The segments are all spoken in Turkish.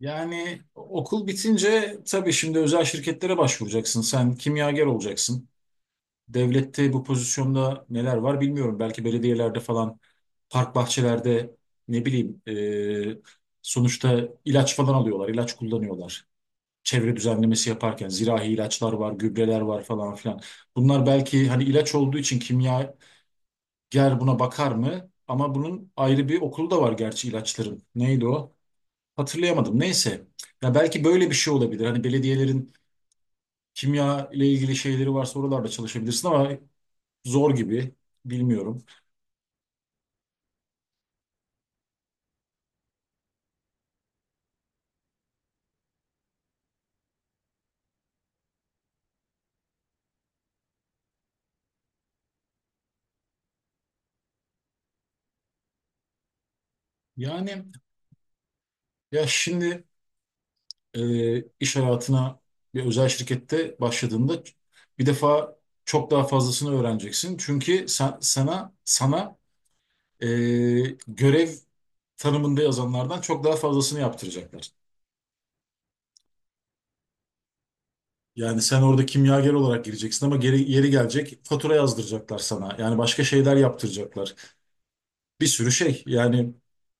Yani okul bitince tabii şimdi özel şirketlere başvuracaksın. Sen kimyager olacaksın. Devlette bu pozisyonda neler var bilmiyorum. Belki belediyelerde falan, park bahçelerde ne bileyim, e, sonuçta ilaç falan alıyorlar, ilaç kullanıyorlar. Çevre düzenlemesi yaparken zirahi ilaçlar var, gübreler var falan filan. Bunlar belki hani ilaç olduğu için kimyager buna bakar mı? Ama bunun ayrı bir okulu da var gerçi ilaçların. Neydi o? Hatırlayamadım. Neyse. Ya belki böyle bir şey olabilir. Hani belediyelerin kimya ile ilgili şeyleri varsa oralarda çalışabilirsin ama zor gibi. Bilmiyorum. Yani ya şimdi, iş hayatına bir özel şirkette başladığında bir defa çok daha fazlasını öğreneceksin. Çünkü sana e, görev tanımında yazanlardan çok daha fazlasını yaptıracaklar. Yani sen orada kimyager olarak gireceksin ama yeri gelecek fatura yazdıracaklar sana. Yani başka şeyler yaptıracaklar, bir sürü şey. Yani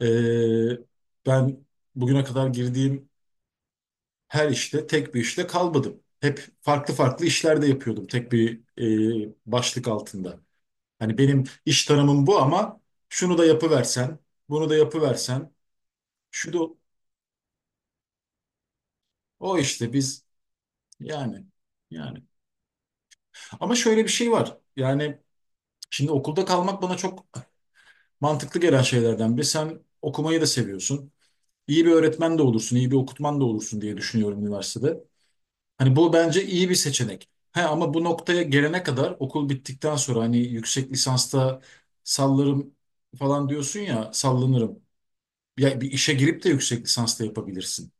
eee, ben bugüne kadar girdiğim her işte tek bir işte kalmadım. Hep farklı farklı işlerde yapıyordum tek bir başlık altında. Hani benim iş tanımım bu ama şunu da yapıversen, bunu da yapıversen, şu da o işte biz, yani yani. Ama şöyle bir şey var. Yani şimdi okulda kalmak bana çok mantıklı gelen şeylerden biri. Sen okumayı da seviyorsun. İyi bir öğretmen de olursun, iyi bir okutman da olursun diye düşünüyorum üniversitede. Hani bu bence iyi bir seçenek. He, ama bu noktaya gelene kadar okul bittikten sonra hani yüksek lisansta sallarım falan diyorsun ya, sallanırım. Ya bir işe girip de yüksek lisansta yapabilirsin.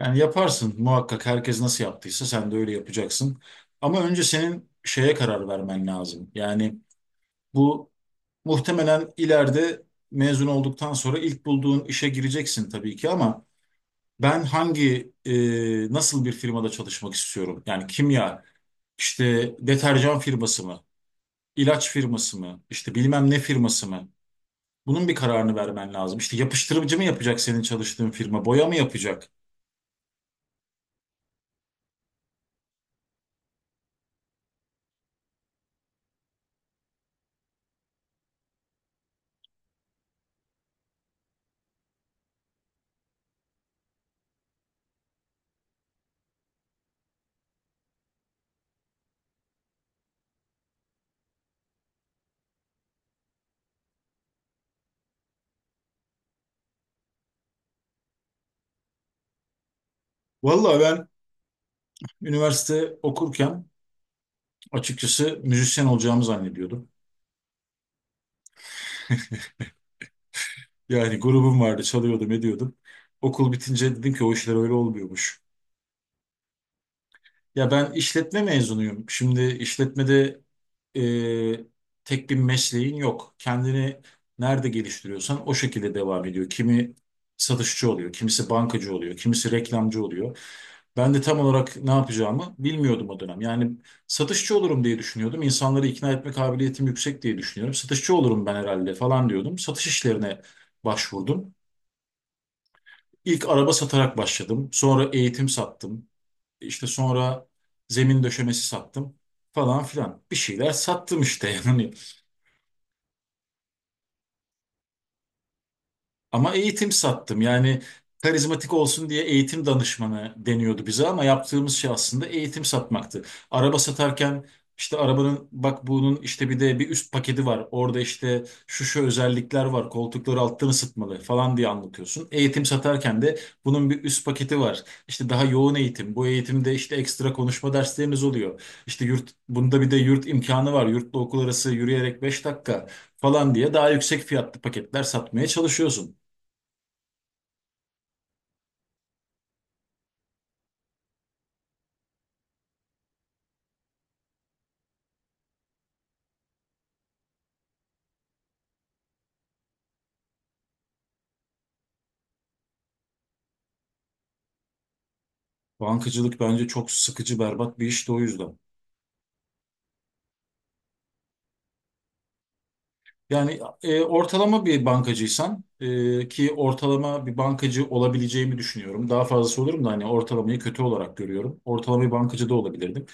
Yani yaparsın muhakkak, herkes nasıl yaptıysa sen de öyle yapacaksın. Ama önce senin şeye karar vermen lazım. Yani bu muhtemelen ileride mezun olduktan sonra ilk bulduğun işe gireceksin tabii ki, ama ben hangi, nasıl bir firmada çalışmak istiyorum? Yani kimya, İşte deterjan firması mı? İlaç firması mı? İşte bilmem ne firması mı? Bunun bir kararını vermen lazım. İşte yapıştırıcı mı yapacak senin çalıştığın firma? Boya mı yapacak? Vallahi ben üniversite okurken açıkçası müzisyen olacağımı zannediyordum. Yani grubum vardı, çalıyordum, ediyordum. Okul bitince dedim ki o işler öyle olmuyormuş. Ya ben işletme mezunuyum. Şimdi işletmede e, tek bir mesleğin yok. Kendini nerede geliştiriyorsan o şekilde devam ediyor. Kimi satışçı oluyor, kimisi bankacı oluyor, kimisi reklamcı oluyor. Ben de tam olarak ne yapacağımı bilmiyordum o dönem. Yani satışçı olurum diye düşünüyordum. İnsanları ikna etme kabiliyetim yüksek diye düşünüyorum. Satışçı olurum ben herhalde falan diyordum. Satış işlerine başvurdum. İlk araba satarak başladım. Sonra eğitim sattım. İşte sonra zemin döşemesi sattım falan filan. Bir şeyler sattım işte yani. Ama eğitim sattım. Yani karizmatik olsun diye eğitim danışmanı deniyordu bize, ama yaptığımız şey aslında eğitim satmaktı. Araba satarken işte arabanın, bak bunun işte bir de bir üst paketi var. Orada işte şu şu özellikler var. Koltukları alttan ısıtmalı falan diye anlatıyorsun. Eğitim satarken de bunun bir üst paketi var. İşte daha yoğun eğitim. Bu eğitimde işte ekstra konuşma dersleriniz oluyor. İşte yurt, bunda bir de yurt imkanı var. Yurtla okul arası yürüyerek 5 dakika falan diye daha yüksek fiyatlı paketler satmaya çalışıyorsun. Bankacılık bence çok sıkıcı, berbat bir iş de o yüzden. Yani ortalama bir bankacıysan, ki ortalama bir bankacı olabileceğimi düşünüyorum. Daha fazlası olurum da, hani ortalamayı kötü olarak görüyorum. Ortalama bir bankacı da olabilirdim.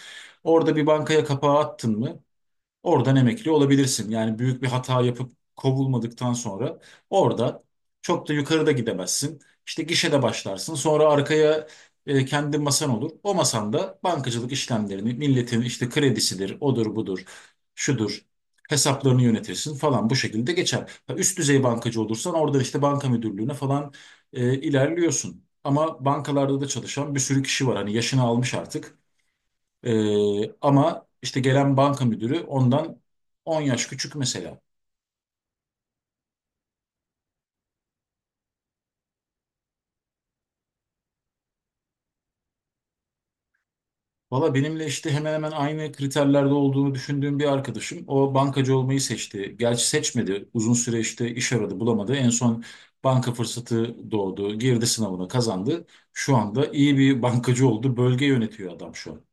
Orada bir bankaya kapağı attın mı? Oradan emekli olabilirsin. Yani büyük bir hata yapıp kovulmadıktan sonra orada çok da yukarıda gidemezsin. İşte gişede başlarsın. Sonra arkaya kendi masan olur. O masanda bankacılık işlemlerini, milletin işte kredisidir, odur budur, şudur, hesaplarını yönetirsin falan, bu şekilde geçer. Ha, üst düzey bankacı olursan orada işte banka müdürlüğüne falan ilerliyorsun. Ama bankalarda da çalışan bir sürü kişi var. Hani yaşını almış artık. Ama işte gelen banka müdürü ondan 10 yaş küçük mesela. Valla benimle işte hemen hemen aynı kriterlerde olduğunu düşündüğüm bir arkadaşım o bankacı olmayı seçti. Gerçi seçmedi. Uzun süre işte iş aradı, bulamadı. En son banka fırsatı doğdu. Girdi sınavına, kazandı. Şu anda iyi bir bankacı oldu. Bölge yönetiyor adam şu an.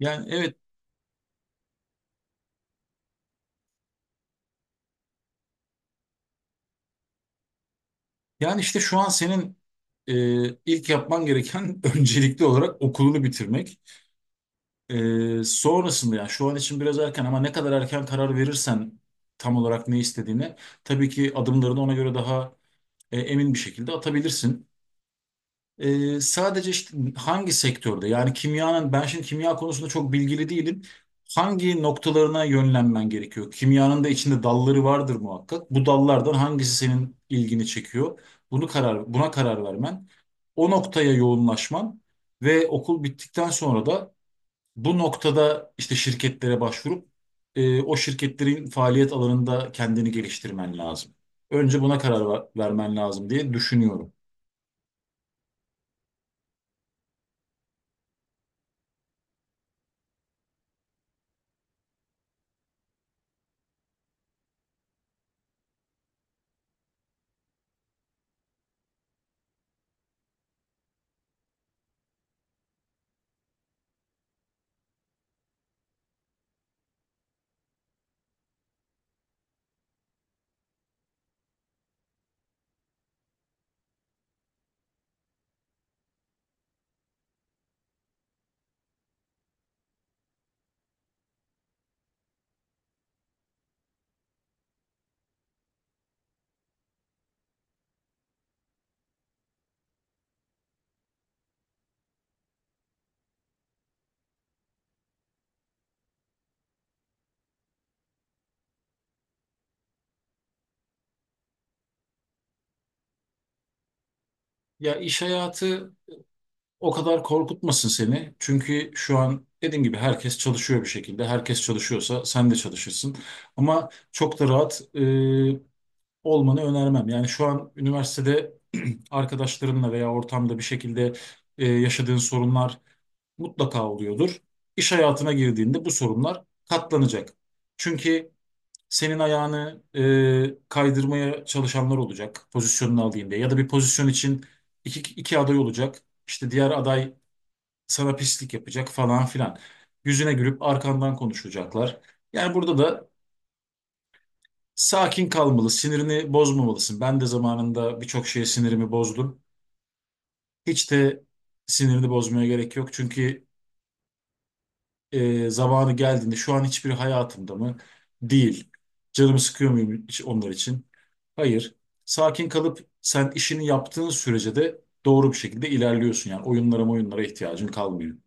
Yani evet. Yani işte şu an senin e, ilk yapman gereken öncelikli olarak okulunu bitirmek. Sonrasında yani şu an için biraz erken ama ne kadar erken karar verirsen tam olarak ne istediğine, tabii ki adımlarını ona göre daha emin bir şekilde atabilirsin. Sadece işte hangi sektörde, yani kimyanın, ben şimdi kimya konusunda çok bilgili değilim. Hangi noktalarına yönlenmen gerekiyor? Kimyanın da içinde dalları vardır muhakkak. Bu dallardan hangisi senin ilgini çekiyor? Bunu karar buna karar vermen, o noktaya yoğunlaşman ve okul bittikten sonra da bu noktada işte şirketlere başvurup o şirketlerin faaliyet alanında kendini geliştirmen lazım. Önce buna vermen lazım diye düşünüyorum. Ya iş hayatı o kadar korkutmasın seni. Çünkü şu an dediğim gibi herkes çalışıyor bir şekilde. Herkes çalışıyorsa sen de çalışırsın. Ama çok da rahat olmanı önermem. Yani şu an üniversitede arkadaşlarınla veya ortamda bir şekilde yaşadığın sorunlar mutlaka oluyordur. İş hayatına girdiğinde bu sorunlar katlanacak. Çünkü senin ayağını kaydırmaya çalışanlar olacak, pozisyonunu alayım diye. Ya da bir pozisyon için iki aday olacak. İşte diğer aday sana pislik yapacak falan filan. Yüzüne gülüp arkandan konuşacaklar. Yani burada da sakin kalmalı, sinirini bozmamalısın. Ben de zamanında birçok şeye sinirimi bozdum. Hiç de sinirini bozmaya gerek yok. Çünkü zamanı geldiğinde şu an hiçbir hayatımda mı? Değil. Canımı sıkıyor muyum hiç onlar için? Hayır. Sakin kalıp sen işini yaptığın sürece de doğru bir şekilde ilerliyorsun. Yani oyunlara ihtiyacın kalmıyor.